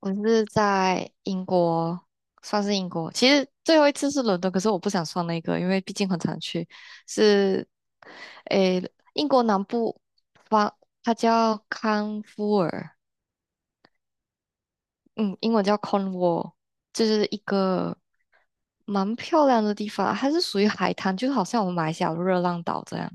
我是在英国，算是英国。其实最后一次是伦敦，可是我不想算那个，因为毕竟很常去。是，诶，英国南部方，它叫康沃尔。嗯，英文叫 Cornwall，就是一个蛮漂亮的地方，它是属于海滩，就好像我们马来西亚的热浪岛这样。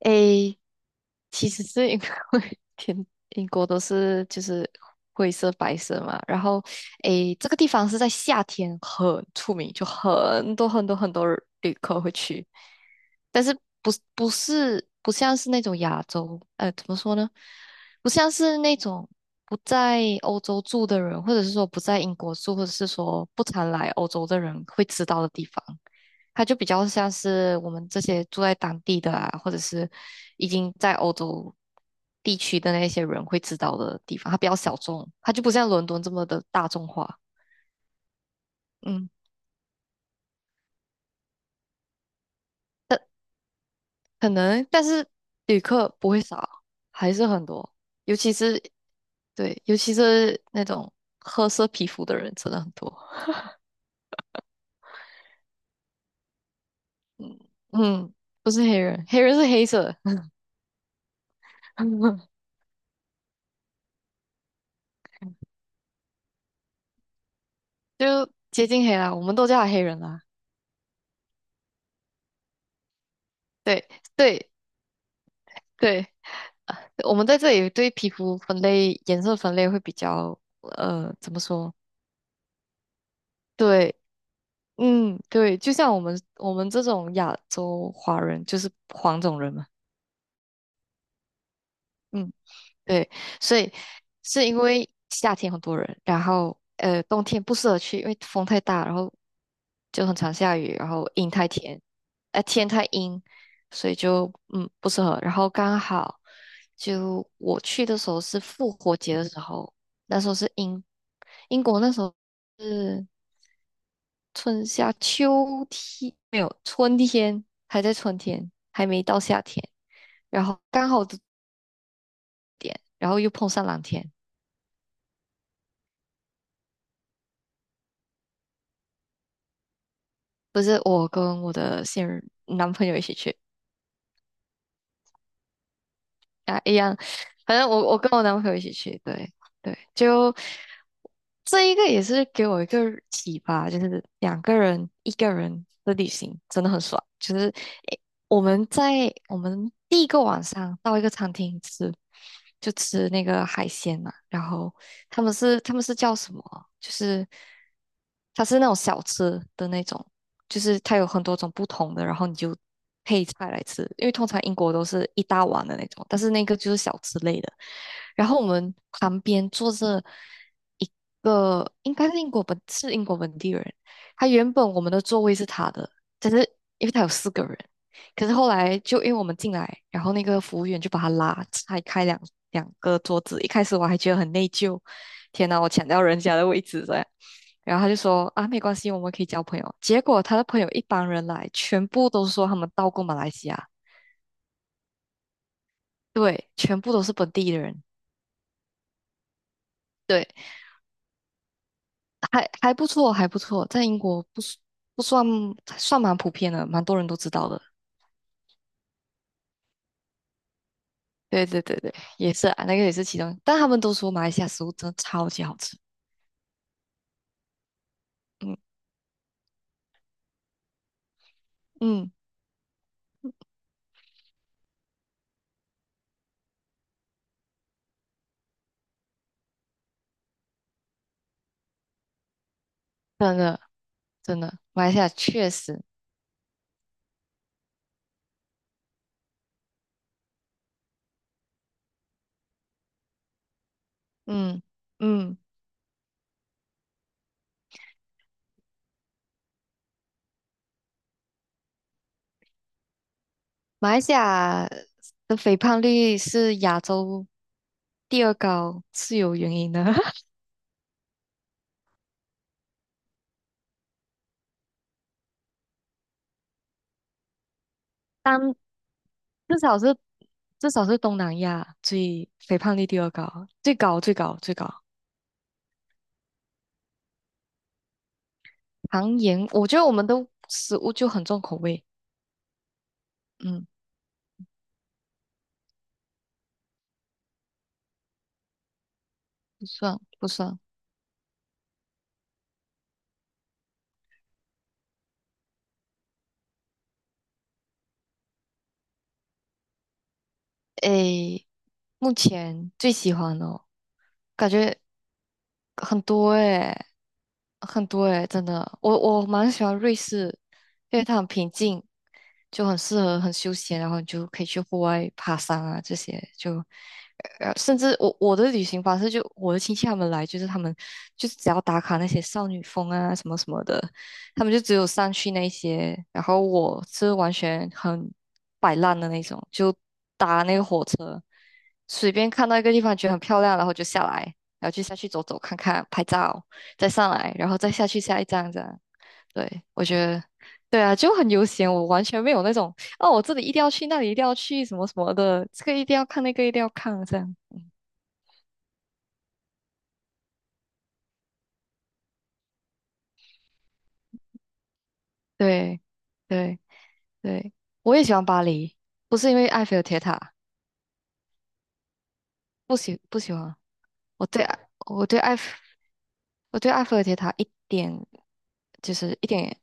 诶，其实是因为 天英国都是就是灰色白色嘛。然后这个地方是在夏天很出名，就很多很多很多旅客会去，但是不像是那种亚洲，怎么说呢？不像是那种不在欧洲住的人，或者是说不在英国住，或者是说不常来欧洲的人会知道的地方。它就比较像是我们这些住在当地的啊，或者是已经在欧洲地区的那些人会知道的地方。它比较小众，它就不像伦敦这么的大众化。嗯。可能，但是旅客不会少，还是很多。尤其是对，尤其是那种褐色皮肤的人真的很多。嗯，不是黑人，黑人是黑色。就接近黑啦，我们都叫他黑人啦。对对对，啊我们在这里对皮肤分类、颜色分类会比较，怎么说？对，嗯，对，就像我们这种亚洲华人就是黄种人嘛。嗯。对，所以是因为夏天很多人，然后冬天不适合去，因为风太大，然后就很常下雨，然后阴太天，天太阴，所以就不适合。然后刚好就我去的时候是复活节的时候，那时候是英国那时候是春夏秋天，没有春天，还在春天，还没到夏天，然后刚好这点，然后又碰上蓝天。不是，我跟我的现任男朋友一起去啊，一样，反正我跟我男朋友一起去。对对，就这一个也是给我一个启发，就是两个人一个人的旅行真的很爽。就是我们第一个晚上到一个餐厅吃，就吃那个海鲜嘛。然后他们是叫什么？就是它是那种小吃的那种，就是它有很多种不同的，然后你就配菜来吃。因为通常英国都是一大碗的那种，但是那个就是小吃类的。然后我们旁边坐着一个，应该是英国本地人。他原本我们的座位是他的，但是因为他有四个人。可是后来就因为我们进来，然后那个服务员就把他拉拆开两个桌子。一开始我还觉得很内疚，天哪，我抢到人家的位置这样。然后他就说啊，没关系，我们可以交朋友。结果他的朋友一帮人来，全部都说他们到过马来西亚。对，全部都是本地的人。对，还不错，还不错，在英国不是不算蛮普遍的，蛮多人都知道的。对对对对，也是啊，那个也是其中，但他们都说马来西亚食物真的超级好吃。嗯嗯。真的真的，马来西亚确实。嗯嗯，马来西亚的肥胖率是亚洲第二高，是有原因的。当至少是至少是东南亚最肥胖率第二高，最高最高最高。糖盐，我觉得我们的食物就很重口味。嗯，不算不算。诶，目前最喜欢哦，感觉很多诶。很多诶，真的，我蛮喜欢瑞士，因为它很平静，就很适合很休闲，然后你就可以去户外爬山啊这些。就甚至我的旅行方式就我的亲戚他们来，就是他们就是只要打卡那些少女峰啊什么什么的，他们就只有上去那些，然后我是完全很摆烂的那种，就搭那个火车。随便看到一个地方觉得很漂亮，然后就下来，然后就下去走走看看，拍照，再上来，然后再下去下一站这样。对，我觉得，对啊，就很悠闲，我完全没有那种哦，我这里一定要去，那里一定要去，什么什么的，这个一定要看，那个一定要看这样。对，对，对，我也喜欢巴黎，不是因为埃菲尔铁塔。不喜欢，我对我对埃菲我对埃菲尔铁塔一点，就是一点也，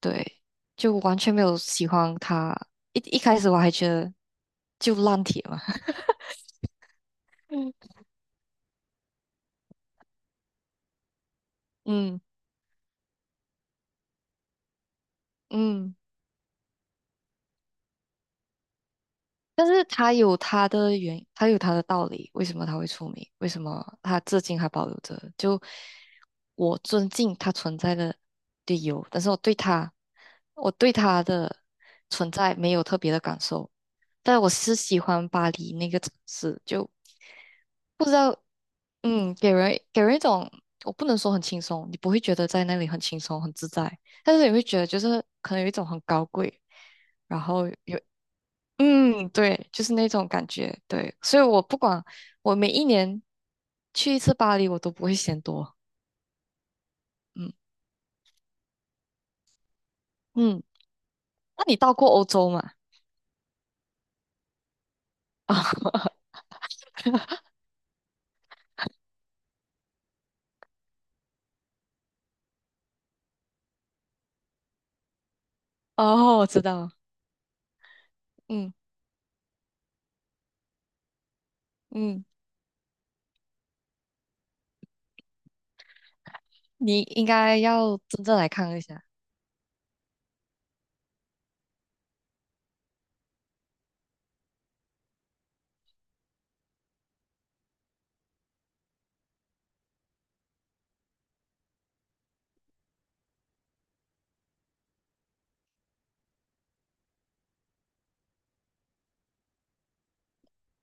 对，就完全没有喜欢它。一开始我还觉得就烂铁嘛。嗯嗯。嗯但是他有他的原，他有他的道理，为什么他会出名？为什么他至今还保留着？就我尊敬他存在的理由。但是我对他的存在没有特别的感受，但我是喜欢巴黎那个城市，就不知道，给人一种，我不能说很轻松，你不会觉得在那里很轻松很自在，但是你会觉得就是可能有一种很高贵。然后有,对，就是那种感觉。对，所以我不管，我每一年去一次巴黎，我都不会嫌多。嗯嗯，那你到过欧洲吗？啊，哦，我知道，嗯嗯，你应该要真正来看一下。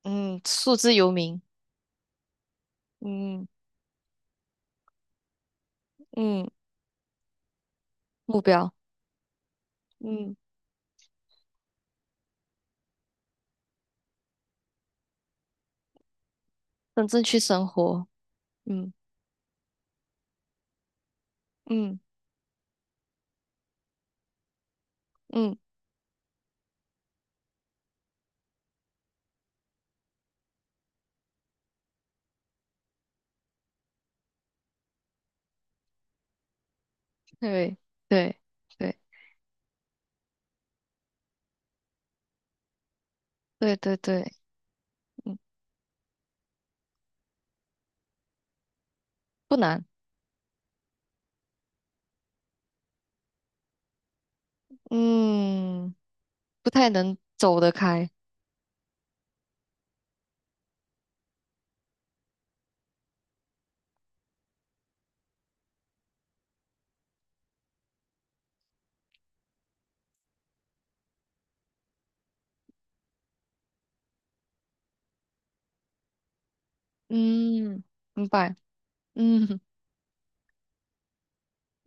嗯，数字游民。嗯嗯。目标。嗯，真正去生活。嗯嗯嗯。对对对对对对。嗯，不难。嗯，不太能走得开。嗯，明白。嗯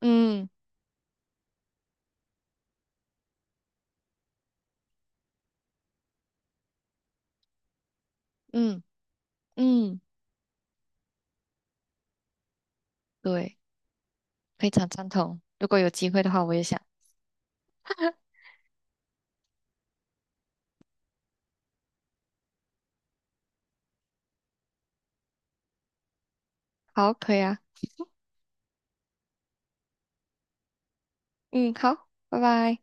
嗯嗯嗯。对，非常赞同。如果有机会的话，我也想。好，可以啊。嗯，好，拜拜。